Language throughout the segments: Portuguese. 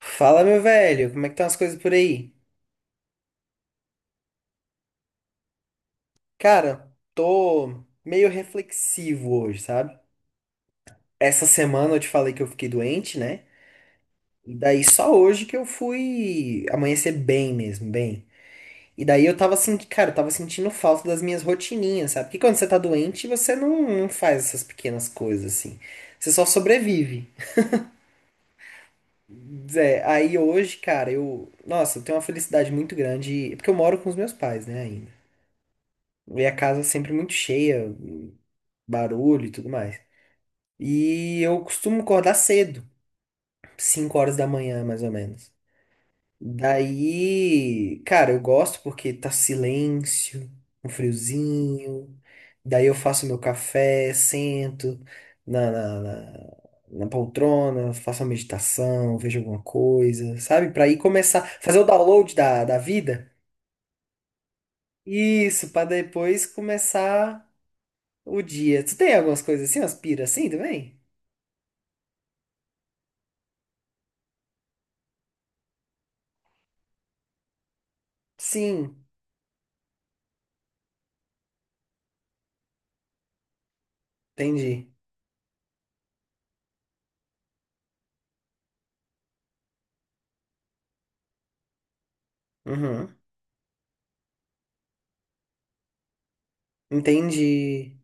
Fala, meu velho, como é que estão as coisas por aí? Cara, tô meio reflexivo hoje, sabe? Essa semana eu te falei que eu fiquei doente, né? E daí só hoje que eu fui amanhecer bem mesmo, bem. E daí eu tava sentindo, cara, eu tava sentindo falta das minhas rotininhas, sabe? Porque quando você tá doente, você não faz essas pequenas coisas assim. Você só sobrevive. É aí hoje, cara, eu, nossa, eu tenho uma felicidade muito grande, porque eu moro com os meus pais, né, ainda. E a casa é sempre muito cheia. Barulho e tudo mais. E eu costumo acordar cedo, 5 horas da manhã, mais ou menos. Daí, cara, eu gosto porque tá silêncio, um friozinho. Daí eu faço meu café, sento na, na, na, na poltrona, faço uma meditação, vejo alguma coisa, sabe? Pra ir começar, fazer o download da vida. Isso, pra depois começar o dia. Tu tem algumas coisas assim, umas piras assim também? Sim, entendi. Uhum. Entendi.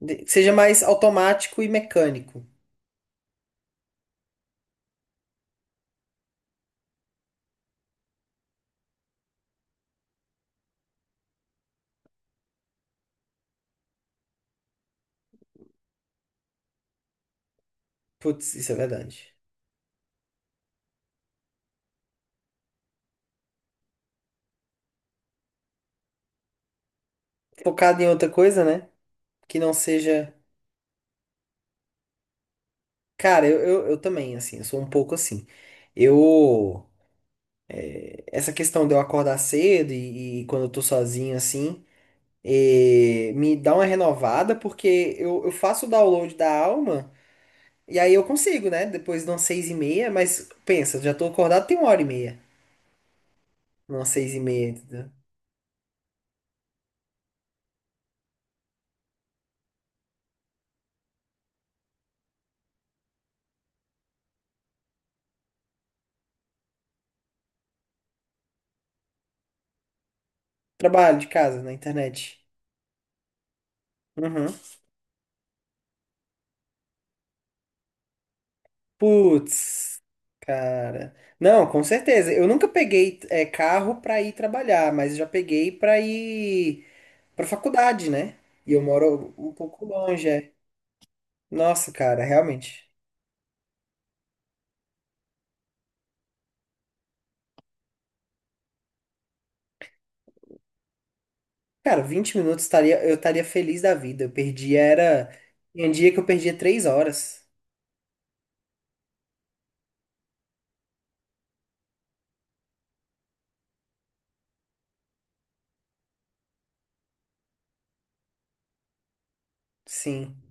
Que seja mais automático e mecânico. Putz, isso é verdade. Focado em outra coisa, né? Que não seja. Cara, eu também, assim, eu sou um pouco assim. Eu. Essa questão de eu acordar cedo e quando eu tô sozinho, assim, me dá uma renovada, porque eu faço o download da alma e aí eu consigo, né? Depois de umas seis e meia, mas pensa, já tô acordado tem uma hora e meia. Umas seis e meia, entendeu? Trabalho de casa, na internet. Uhum. Putz, cara. Não, com certeza. Eu nunca peguei é, carro pra ir trabalhar, mas já peguei pra ir pra faculdade, né? E eu moro um pouco longe, é. Nossa, cara, realmente. Cara, vinte minutos estaria, eu estaria feliz da vida. Eu perdi era. Tem dia que eu perdia 3 horas. Sim.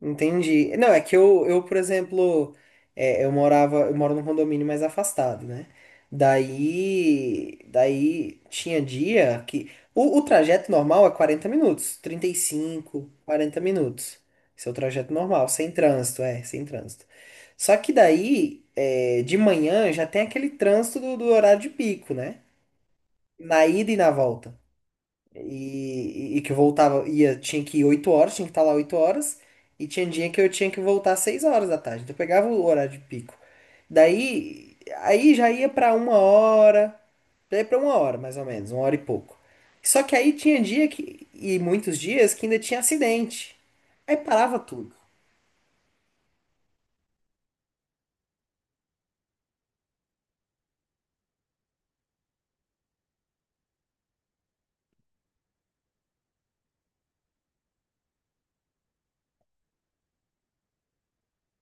Entendi. Não, é que eu por exemplo, é, eu moro num condomínio mais afastado, né? Daí tinha dia que o trajeto normal é 40 minutos, trinta e cinco 40 minutos. Esse é o trajeto normal, sem trânsito, é, sem trânsito. Só que daí, é, de manhã já tem aquele trânsito do horário de pico, né? Na ida e na volta. E que eu voltava, ia, tinha que ir 8 horas, tinha que estar lá 8 horas, e tinha dia que eu tinha que voltar às 6 horas da tarde. Então eu pegava o horário de pico. Daí, aí já ia pra uma hora, daí pra uma hora mais ou menos, uma hora e pouco. Só que aí tinha dia que, e muitos dias que ainda tinha acidente. Aí parava tudo.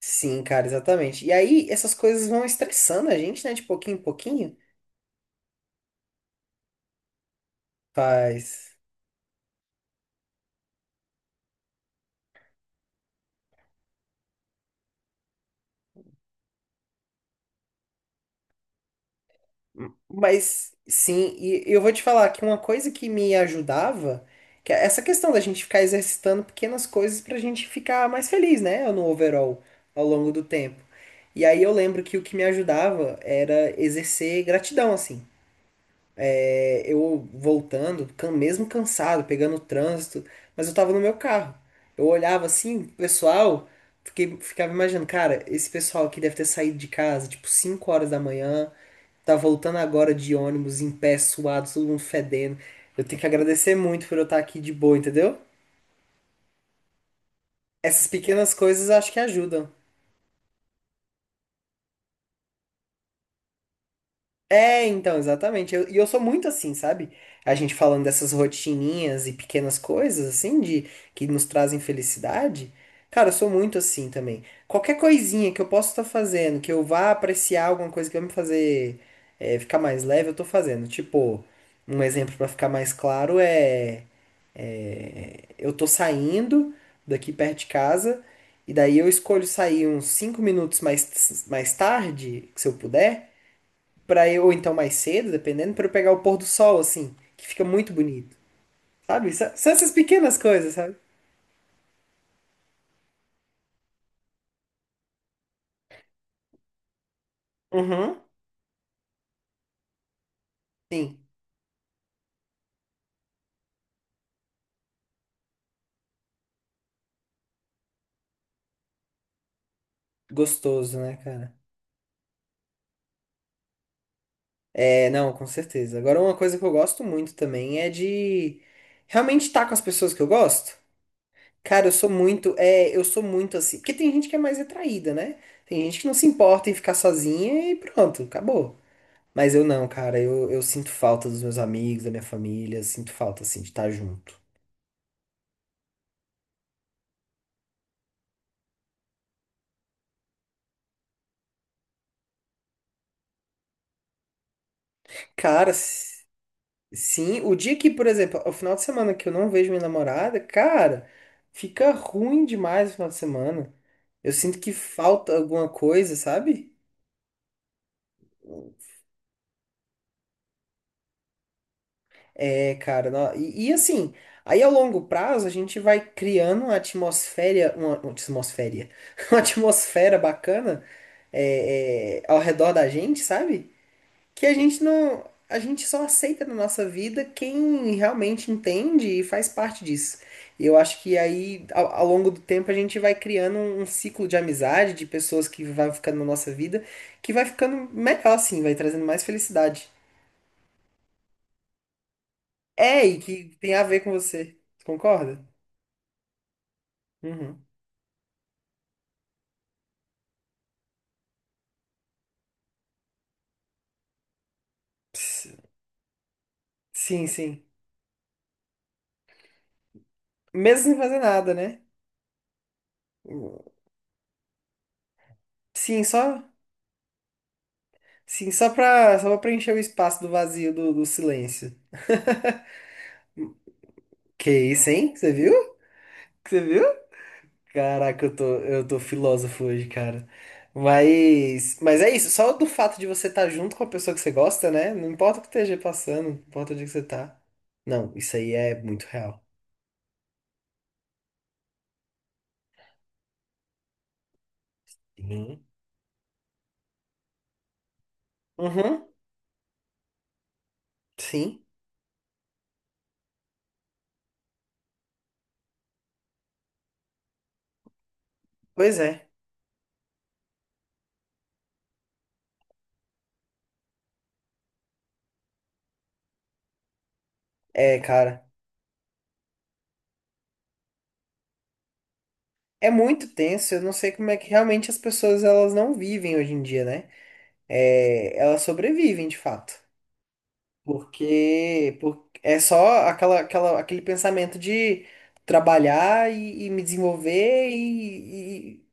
Sim, cara, exatamente. E aí essas coisas vão estressando a gente, né, de pouquinho em pouquinho. Faz. Mas sim, e eu vou te falar que uma coisa que me ajudava, que é essa questão da gente ficar exercitando pequenas coisas pra gente ficar mais feliz, né, no overall, ao longo do tempo. E aí eu lembro que o que me ajudava era exercer gratidão, assim eu voltando, mesmo cansado, pegando o trânsito, mas eu tava no meu carro. Eu olhava assim, o pessoal, ficava imaginando, cara, esse pessoal aqui deve ter saído de casa, tipo, cinco horas da manhã, tá voltando agora de ônibus, em pé, suado, todo mundo fedendo. Eu tenho que agradecer muito por eu estar aqui de boa, entendeu? Essas pequenas coisas acho que ajudam. É, então, exatamente. E eu, sou muito assim, sabe? A gente falando dessas rotininhas e pequenas coisas, assim, de que nos trazem felicidade. Cara, eu sou muito assim também. Qualquer coisinha que eu possa estar fazendo, que eu vá apreciar alguma coisa que vai me fazer é, ficar mais leve, eu tô fazendo. Tipo, um exemplo pra ficar mais claro é, é, eu tô saindo daqui perto de casa e daí eu escolho sair uns 5 minutos mais tarde, se eu puder para eu, ou então mais cedo, dependendo, para eu pegar o pôr do sol, assim, que fica muito bonito. Sabe? São essas pequenas coisas, sabe? Uhum. Sim. Gostoso, né, cara? É, não, com certeza. Agora, uma coisa que eu gosto muito também é de realmente estar com as pessoas que eu gosto. Cara, eu sou muito, é, eu sou muito assim, porque tem gente que é mais retraída, né? Tem gente que não se importa em ficar sozinha e pronto, acabou. Mas eu não, cara, eu sinto falta dos meus amigos, da minha família, sinto falta, assim, de estar junto. Cara, sim, o dia que, por exemplo, o final de semana que eu não vejo minha namorada, cara, fica ruim demais o final de semana. Eu sinto que falta alguma coisa, sabe? É, cara, e assim, aí ao longo prazo a gente vai criando uma atmosfera, uma atmosfera, uma atmosfera bacana ao redor da gente, sabe? Que a gente não, a gente só aceita na nossa vida quem realmente entende e faz parte disso. E eu acho que aí, ao longo do tempo, a gente vai criando um ciclo de amizade, de pessoas que vai ficando na nossa vida, que vai ficando melhor, assim, vai trazendo mais felicidade. É, e que tem a ver com você. Concorda? Uhum. Ps- Sim, sim. Mesmo sem fazer nada, né? Sim, só, sim, só pra preencher o espaço do vazio, do silêncio. Que isso, hein? Você viu? Você viu? Caraca, eu tô filósofo hoje, cara. Mas é isso, só do fato de você estar junto com a pessoa que você gosta, né? Não importa o que esteja passando, não importa onde que você tá. Não, isso aí é muito real. Uhum. Uhum, sim. Pois é. É, cara. É muito tenso, eu não sei como é que realmente as pessoas elas não vivem hoje em dia, né? É, elas sobrevivem de fato. Porque, por é só aquela, aquela, aquele pensamento de trabalhar e me desenvolver e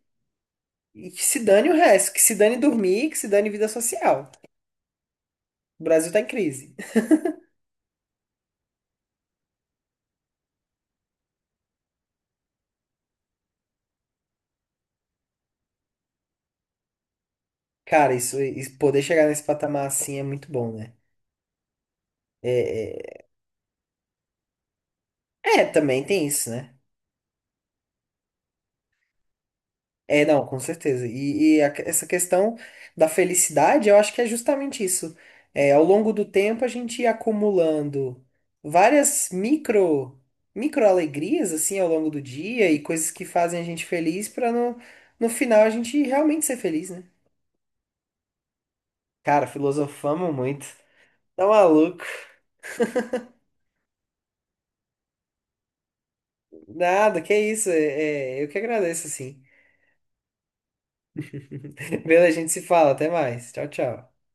e que se dane o resto, que se dane dormir, que se dane vida social. O Brasil tá em crise. Cara, isso poder chegar nesse patamar assim é muito bom, né? É, é, também tem isso, né? É, não, com certeza. E a essa questão da felicidade, eu acho que é justamente isso. É, ao longo do tempo, a gente ia acumulando várias micro, micro alegrias, assim, ao longo do dia e coisas que fazem a gente feliz para no final a gente realmente ser feliz, né? Cara, filosofamos muito. Tá maluco? Nada, que isso. É, é, eu que agradeço, assim. Beleza, a gente se fala. Até mais. Tchau, tchau.